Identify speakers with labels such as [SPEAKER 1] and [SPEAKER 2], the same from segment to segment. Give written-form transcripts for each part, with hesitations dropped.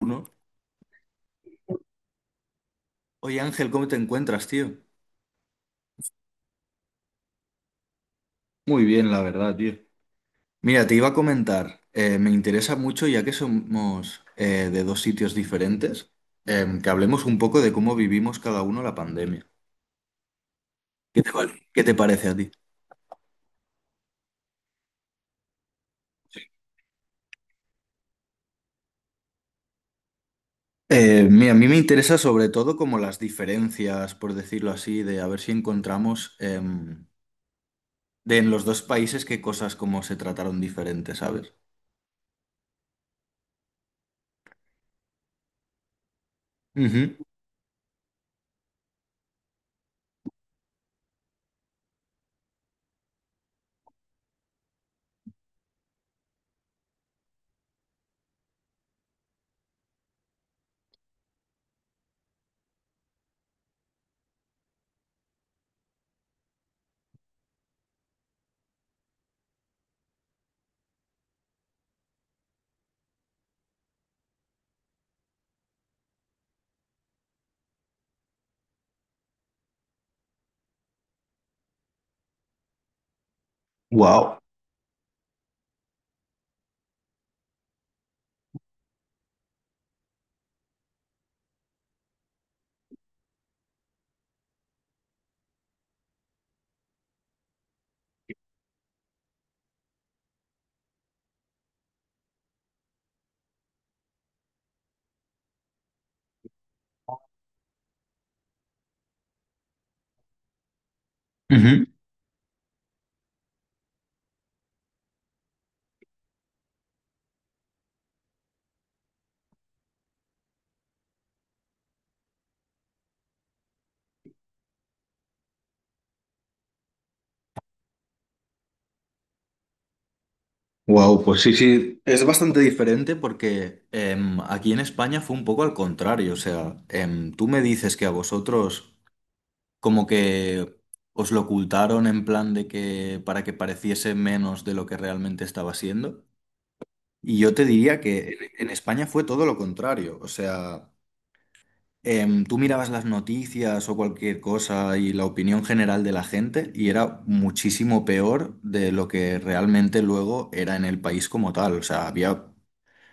[SPEAKER 1] Uno. Oye Ángel, ¿cómo te encuentras, tío? Muy bien, la verdad, tío. Mira, te iba a comentar, me interesa mucho ya que somos de dos sitios diferentes, que hablemos un poco de cómo vivimos cada uno la pandemia. ¿Vale? ¿Qué te parece a ti? Mira, a mí me interesa sobre todo como las diferencias, por decirlo así, de a ver si encontramos de en los dos países qué cosas como se trataron diferentes, ¿sabes? Wow. Wow, pues sí, sí, es bastante diferente porque aquí en España fue un poco al contrario. O sea, tú me dices que a vosotros como que os lo ocultaron en plan de que para que pareciese menos de lo que realmente estaba siendo. Y yo te diría que en España fue todo lo contrario. O sea, tú mirabas las noticias o cualquier cosa y la opinión general de la gente y era muchísimo peor de lo que realmente luego era en el país como tal. O sea, había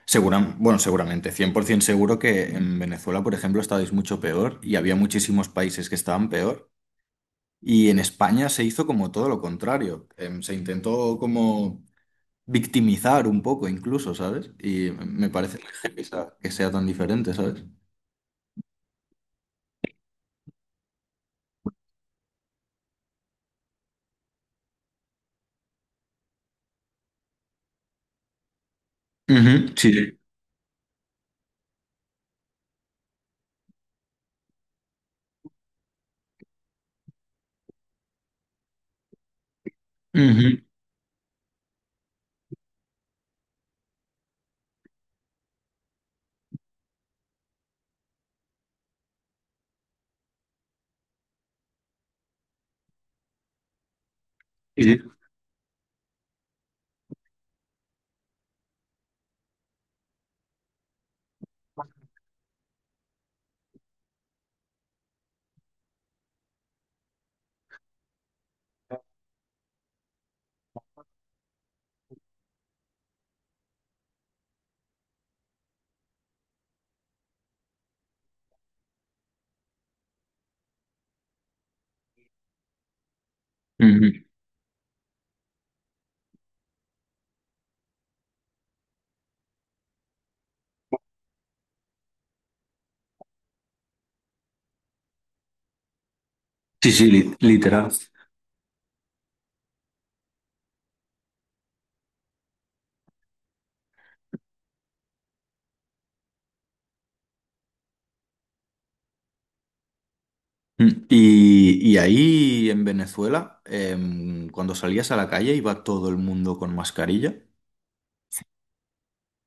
[SPEAKER 1] Bueno, seguramente, 100% seguro que en Venezuela, por ejemplo, estabais mucho peor y había muchísimos países que estaban peor. Y en España se hizo como todo lo contrario. Se intentó como victimizar un poco incluso, ¿sabes? Y me parece muy heavy que sea tan diferente, ¿sabes? Ujú, sí, sí. Ujú, sí, sí. Ujú. Sí, sí, literal. Y ahí en Venezuela, cuando salías a la calle, iba todo el mundo con mascarilla.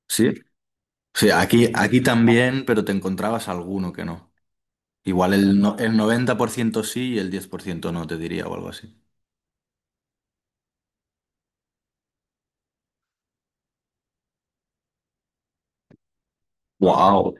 [SPEAKER 1] Sí. Sí, aquí también, pero te encontrabas alguno que no. Igual el, no- el 90% sí y el 10% no, te diría, o algo así. Wow.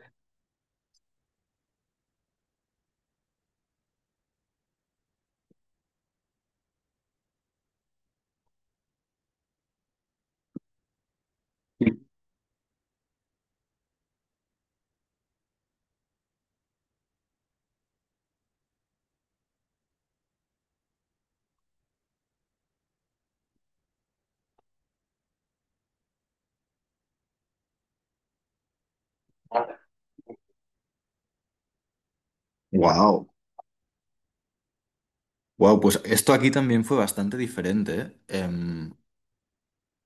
[SPEAKER 1] Wow. Wow, pues esto aquí también fue bastante diferente, ¿eh? Em,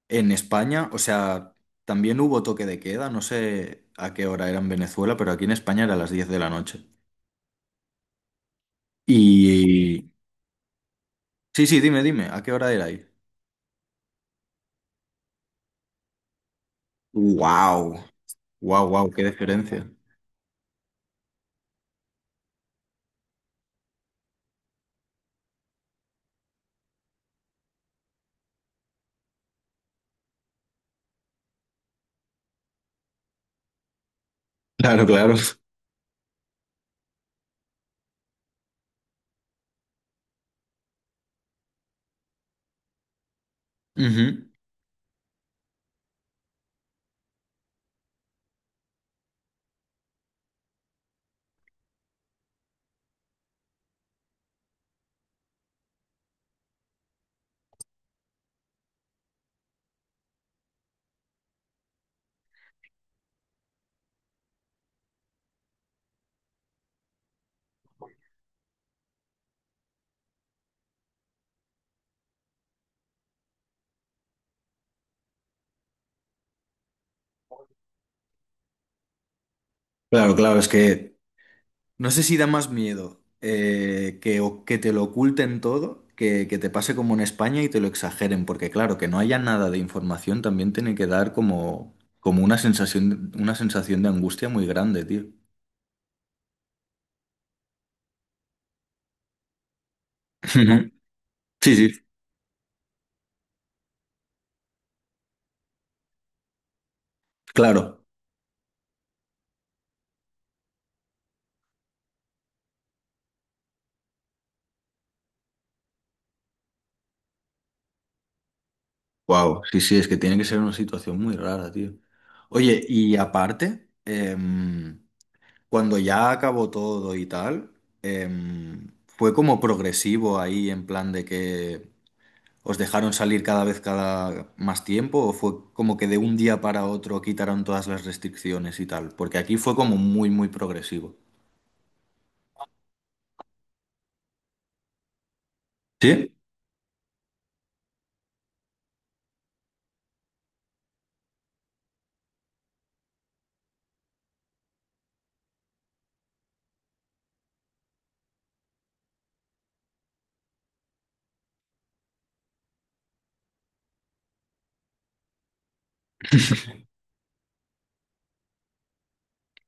[SPEAKER 1] en España, o sea, también hubo toque de queda, no sé a qué hora era en Venezuela, pero aquí en España era a las 10 de la noche. Y... Sí, sí, dime, ¿a qué hora era ahí? Wow. Wow, wow, qué diferencia. Claro, claro. Ujú. Claro, claro, es que no sé si da más miedo que, que te lo oculten todo, que te pase como en España y te lo exageren, porque claro, que no haya nada de información también tiene que dar como una sensación de angustia muy grande, tío. Ujú. Sí, sí. Claro. Wow, sí, sí, es que tiene que ser una situación muy rara, tío. Oye, y aparte, cuando ya acabó todo y tal, fue como progresivo ahí en plan de que, ¿os dejaron salir cada vez cada más tiempo o fue como que de un día para otro quitaron todas las restricciones y tal? Porque aquí fue como muy, muy progresivo. ¿Sí?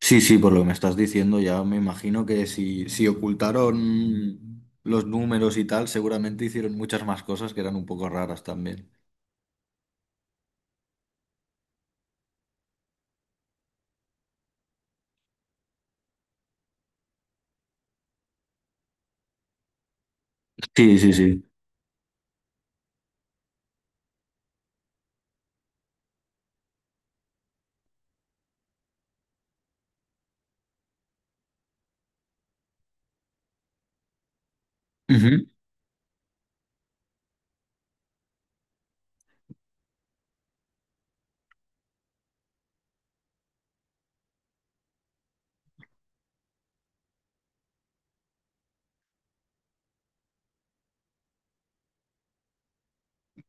[SPEAKER 1] Sí, sí, por lo que me estás diciendo, ya me imagino que si ocultaron los números y tal, seguramente hicieron muchas más cosas que eran un poco raras también. Sí, sí, sí.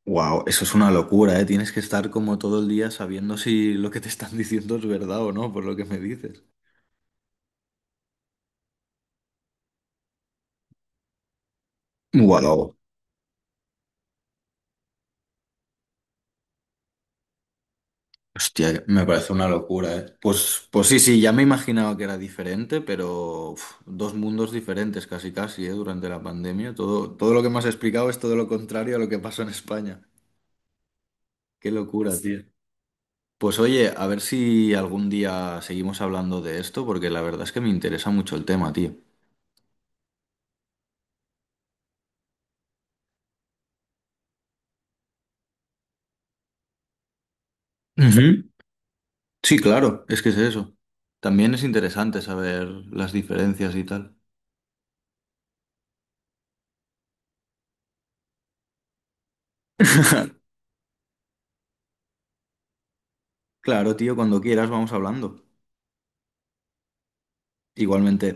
[SPEAKER 1] Wow, eso es una locura, ¿eh? Tienes que estar como todo el día sabiendo si lo que te están diciendo es verdad o no, por lo que me dices. Wow. Hostia, me parece una locura, ¿eh? Pues sí, sí, ya me imaginaba que era diferente, pero uf, dos mundos diferentes casi casi, ¿eh? Durante la pandemia. Todo lo que me has explicado es todo lo contrario a lo que pasó en España. Qué locura, tío. Pues oye, a ver si algún día seguimos hablando de esto, porque la verdad es que me interesa mucho el tema, tío. Ujú. Sí, claro, es que es eso. También es interesante saber las diferencias y tal. Claro, tío, cuando quieras vamos hablando. Igualmente.